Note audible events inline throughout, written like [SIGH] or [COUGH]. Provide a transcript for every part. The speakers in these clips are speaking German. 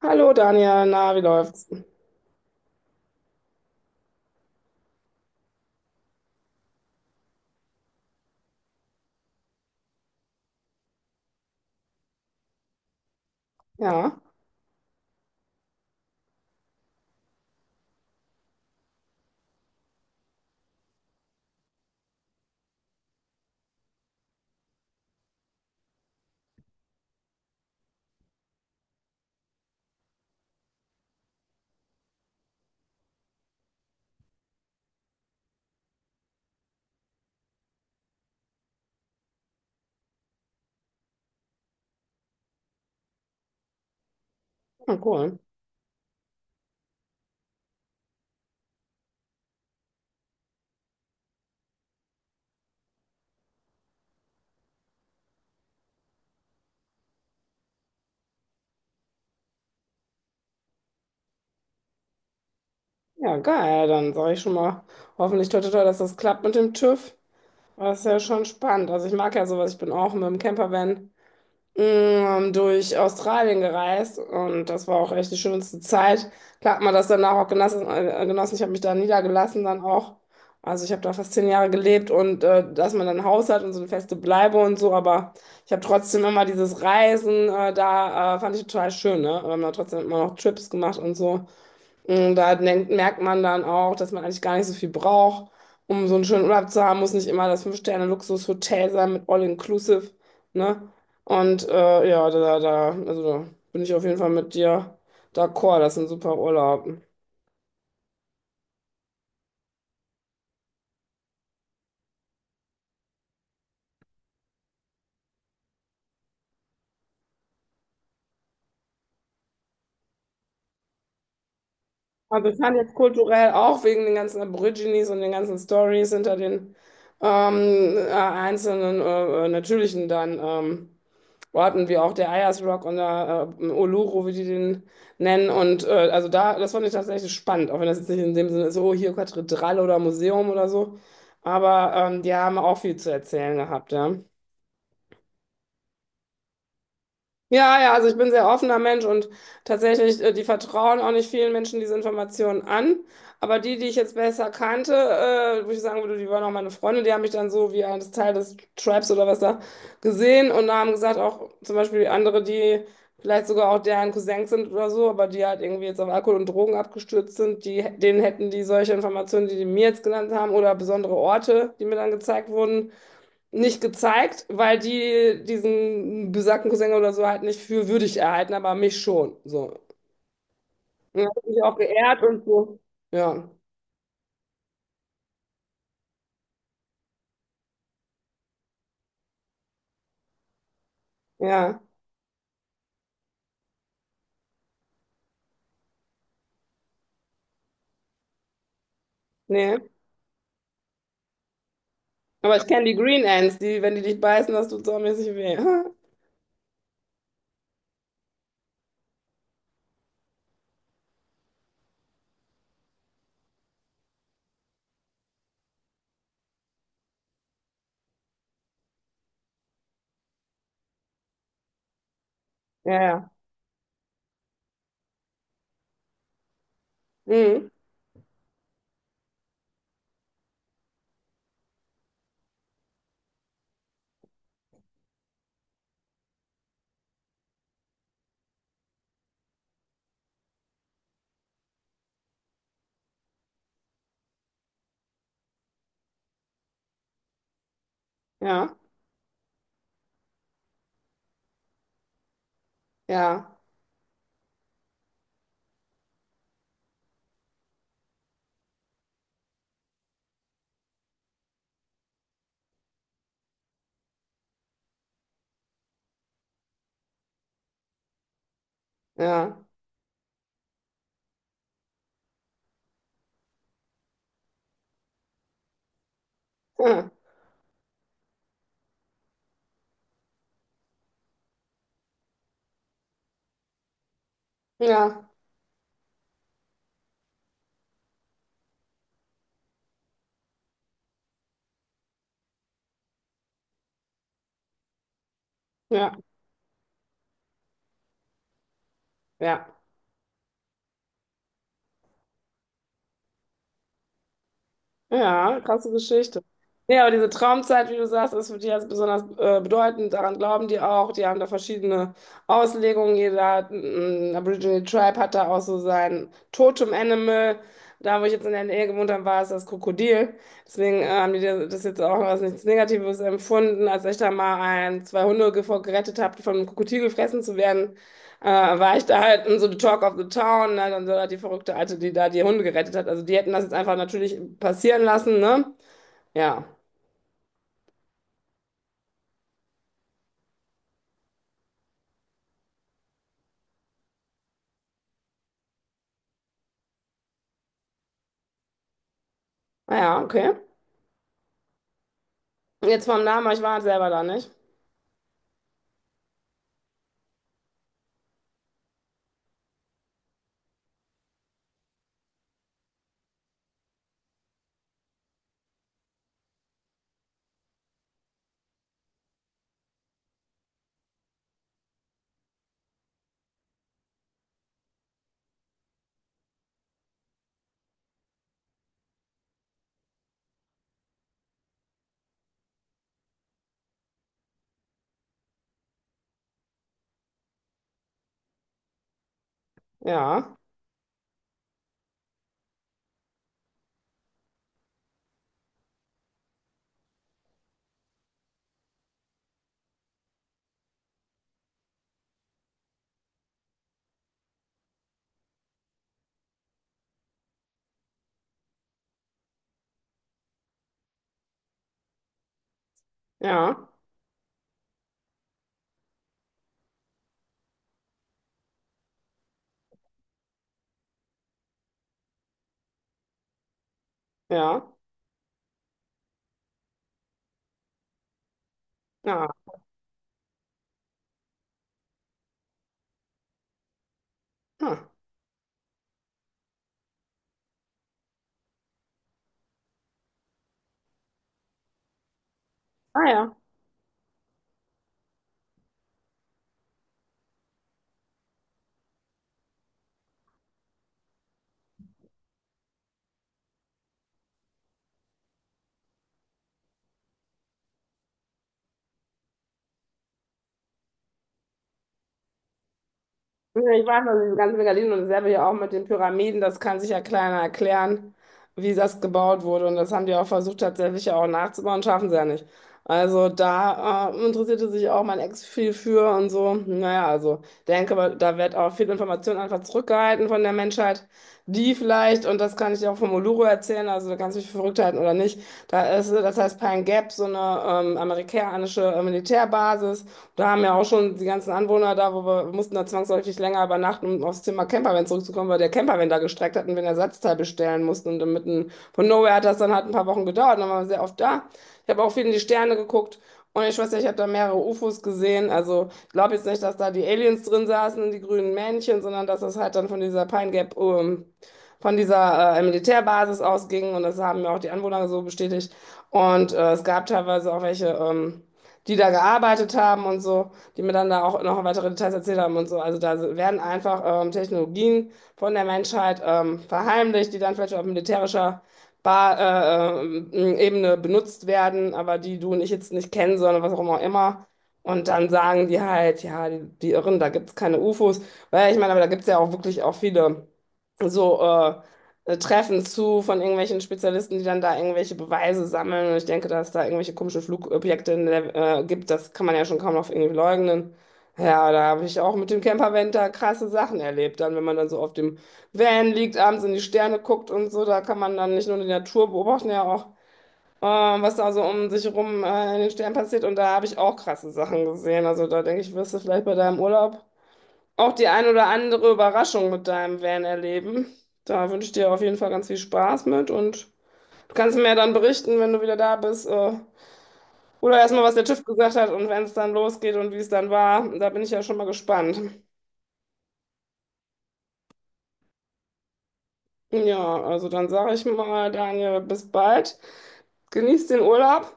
Hallo Daniel, na, wie läuft's? Ja, ah, cool. Ja, geil, dann sage ich schon mal hoffentlich toi toi toi, dass das klappt mit dem TÜV. Das ist ja schon spannend. Also ich mag ja sowas, ich bin auch mit dem Campervan durch Australien gereist und das war auch echt die schönste Zeit. Klar hat man das danach auch genossen. Genossen. Ich habe mich da niedergelassen dann auch. Also ich habe da fast zehn Jahre gelebt und, dass man dann ein Haus hat und so eine feste Bleibe und so, aber ich habe trotzdem immer dieses Reisen, fand ich total schön, ne? Wir haben da trotzdem immer noch Trips gemacht und so. Und merkt man dann auch, dass man eigentlich gar nicht so viel braucht, um so einen schönen Urlaub zu haben, muss nicht immer das Fünf-Sterne-Luxus-Hotel sein mit All-Inclusive, ne? Und also da bin ich auf jeden Fall mit dir d'accord, das ist ein super Urlaub. Also ich fand jetzt kulturell auch wegen den ganzen Aborigines und den ganzen Stories hinter den einzelnen natürlichen dann, wo hatten wir auch der Ayers Rock und der Uluru, wie die den nennen. Und also da, das fand ich tatsächlich spannend, auch wenn das jetzt nicht in dem Sinne ist, oh, hier Kathedrale oder Museum oder so. Aber die haben auch viel zu erzählen gehabt, ja. Ja, ja, also ich bin ein sehr offener Mensch und tatsächlich, die vertrauen auch nicht vielen Menschen diese Informationen an. Aber die, die ich jetzt besser kannte, wo ich sagen würde, die waren auch meine Freunde, die haben mich dann so wie eines Teil des Tribes oder was da gesehen und haben gesagt, auch zum Beispiel andere, die vielleicht sogar auch deren Cousins sind oder so, aber die halt irgendwie jetzt auf Alkohol und Drogen abgestürzt sind, denen hätten die solche Informationen, die mir jetzt genannt haben oder besondere Orte, die mir dann gezeigt wurden, nicht gezeigt, weil die diesen besagten Cousin oder so halt nicht für würdig erhalten, aber mich schon. So. Und das hat mich auch geehrt und so. Ja, ja, nee. Aber ich kenne die Green Ants, die, wenn die dich beißen, das tut saumäßig weh. [LAUGHS] Ja, ja. Mhm. Ja, ja, ja. [LAUGHS] Ja, ja, ja. Ja. Ja, krasse Geschichte. Ja, aber diese Traumzeit, wie du sagst, ist für die jetzt besonders, bedeutend. Daran glauben die auch. Die haben da verschiedene Auslegungen. Jeder Aboriginal Tribe hat da auch so sein Totem-Animal. Da, wo ich jetzt in der Nähe gewohnt habe, war es das Krokodil. Deswegen haben die das jetzt auch als nichts Negatives empfunden, als ich da mal ein, zwei Hunde ge- vor gerettet habe, die von einem Krokodil gefressen zu werden. War ich da halt in so the Talk of the Town, ne? Dann so halt die verrückte Alte, die da die Hunde gerettet hat. Also die hätten das jetzt einfach natürlich passieren lassen, ne? Ja. Ah ja, okay. Jetzt vom Namen, aber ich war halt selber da nicht. Ja, ja, ja, ja. Ah, ah ja. Ja, ich weiß noch, diese ganzen Gardinen und dasselbe ja auch mit den Pyramiden, das kann sich ja keiner erklären, wie das gebaut wurde. Und das haben die auch versucht, tatsächlich ja auch nachzubauen, schaffen sie ja nicht. Also da interessierte sich auch mein Ex viel für und so. Naja, also denke, aber da wird auch viel Information einfach zurückgehalten von der Menschheit, die vielleicht, und das kann ich dir auch vom Uluru erzählen, also da kannst du dich für verrückt halten oder nicht, da ist, das heißt Pine Gap, so eine amerikanische Militärbasis. Da haben ja auch schon die ganzen Anwohner da, wo wir mussten da zwangsläufig länger übernachten, um aufs Thema Campervan zurückzukommen, weil der Campervan da gestreckt hat und wir ein Ersatzteil bestellen mussten. Und dann mitten von Nowhere hat das dann halt ein paar Wochen gedauert, dann waren wir sehr oft da. Ich habe auch viel in die Sterne geguckt. Und ich weiß nicht, ich habe da mehrere UFOs gesehen. Also ich glaube jetzt nicht, dass da die Aliens drin saßen und die grünen Männchen, sondern dass das halt dann von dieser Pine Gap, von dieser Militärbasis ausgingen und das haben mir auch die Anwohner so bestätigt. Und es gab teilweise auch welche, die da gearbeitet haben und so, die mir dann da auch noch weitere Details erzählt haben und so. Also da werden einfach Technologien von der Menschheit verheimlicht, die dann vielleicht auf militärischer Bar, äh, ähm, Ebene benutzt werden, aber die du und ich jetzt nicht kennen, sondern was auch immer. Immer. Und dann sagen die halt, ja, die, die Irren, da gibt's keine UFOs. Weil ich meine, aber da gibt's ja auch wirklich auch viele so Treffen zu von irgendwelchen Spezialisten, die dann da irgendwelche Beweise sammeln. Und ich denke, dass da irgendwelche komischen Flugobjekte in der gibt, das kann man ja schon kaum noch irgendwie leugnen. Ja, da habe ich auch mit dem Campervan da krasse Sachen erlebt. Dann, wenn man dann so auf dem Van liegt, abends in die Sterne guckt und so, da kann man dann nicht nur die Natur beobachten, ja auch, äh, was da so um sich herum in den Sternen passiert. Und da habe ich auch krasse Sachen gesehen. Also da denke ich, wirst du vielleicht bei deinem Urlaub auch die ein oder andere Überraschung mit deinem Van erleben. Da wünsche ich dir auf jeden Fall ganz viel Spaß mit und du kannst mir ja dann berichten, wenn du wieder da bist, oder erstmal, was der TÜV gesagt hat und wenn es dann losgeht und wie es dann war. Da bin ich ja schon mal gespannt. Ja, also dann sage ich mal, Daniel, bis bald. Genieß den Urlaub.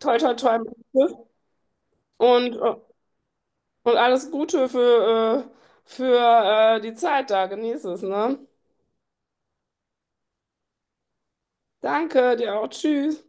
Toi, toi, toi mit dem TÜV. Und, äh, und alles Gute für, die Zeit da. Genieß es, ne? Danke, dir auch. Tschüss.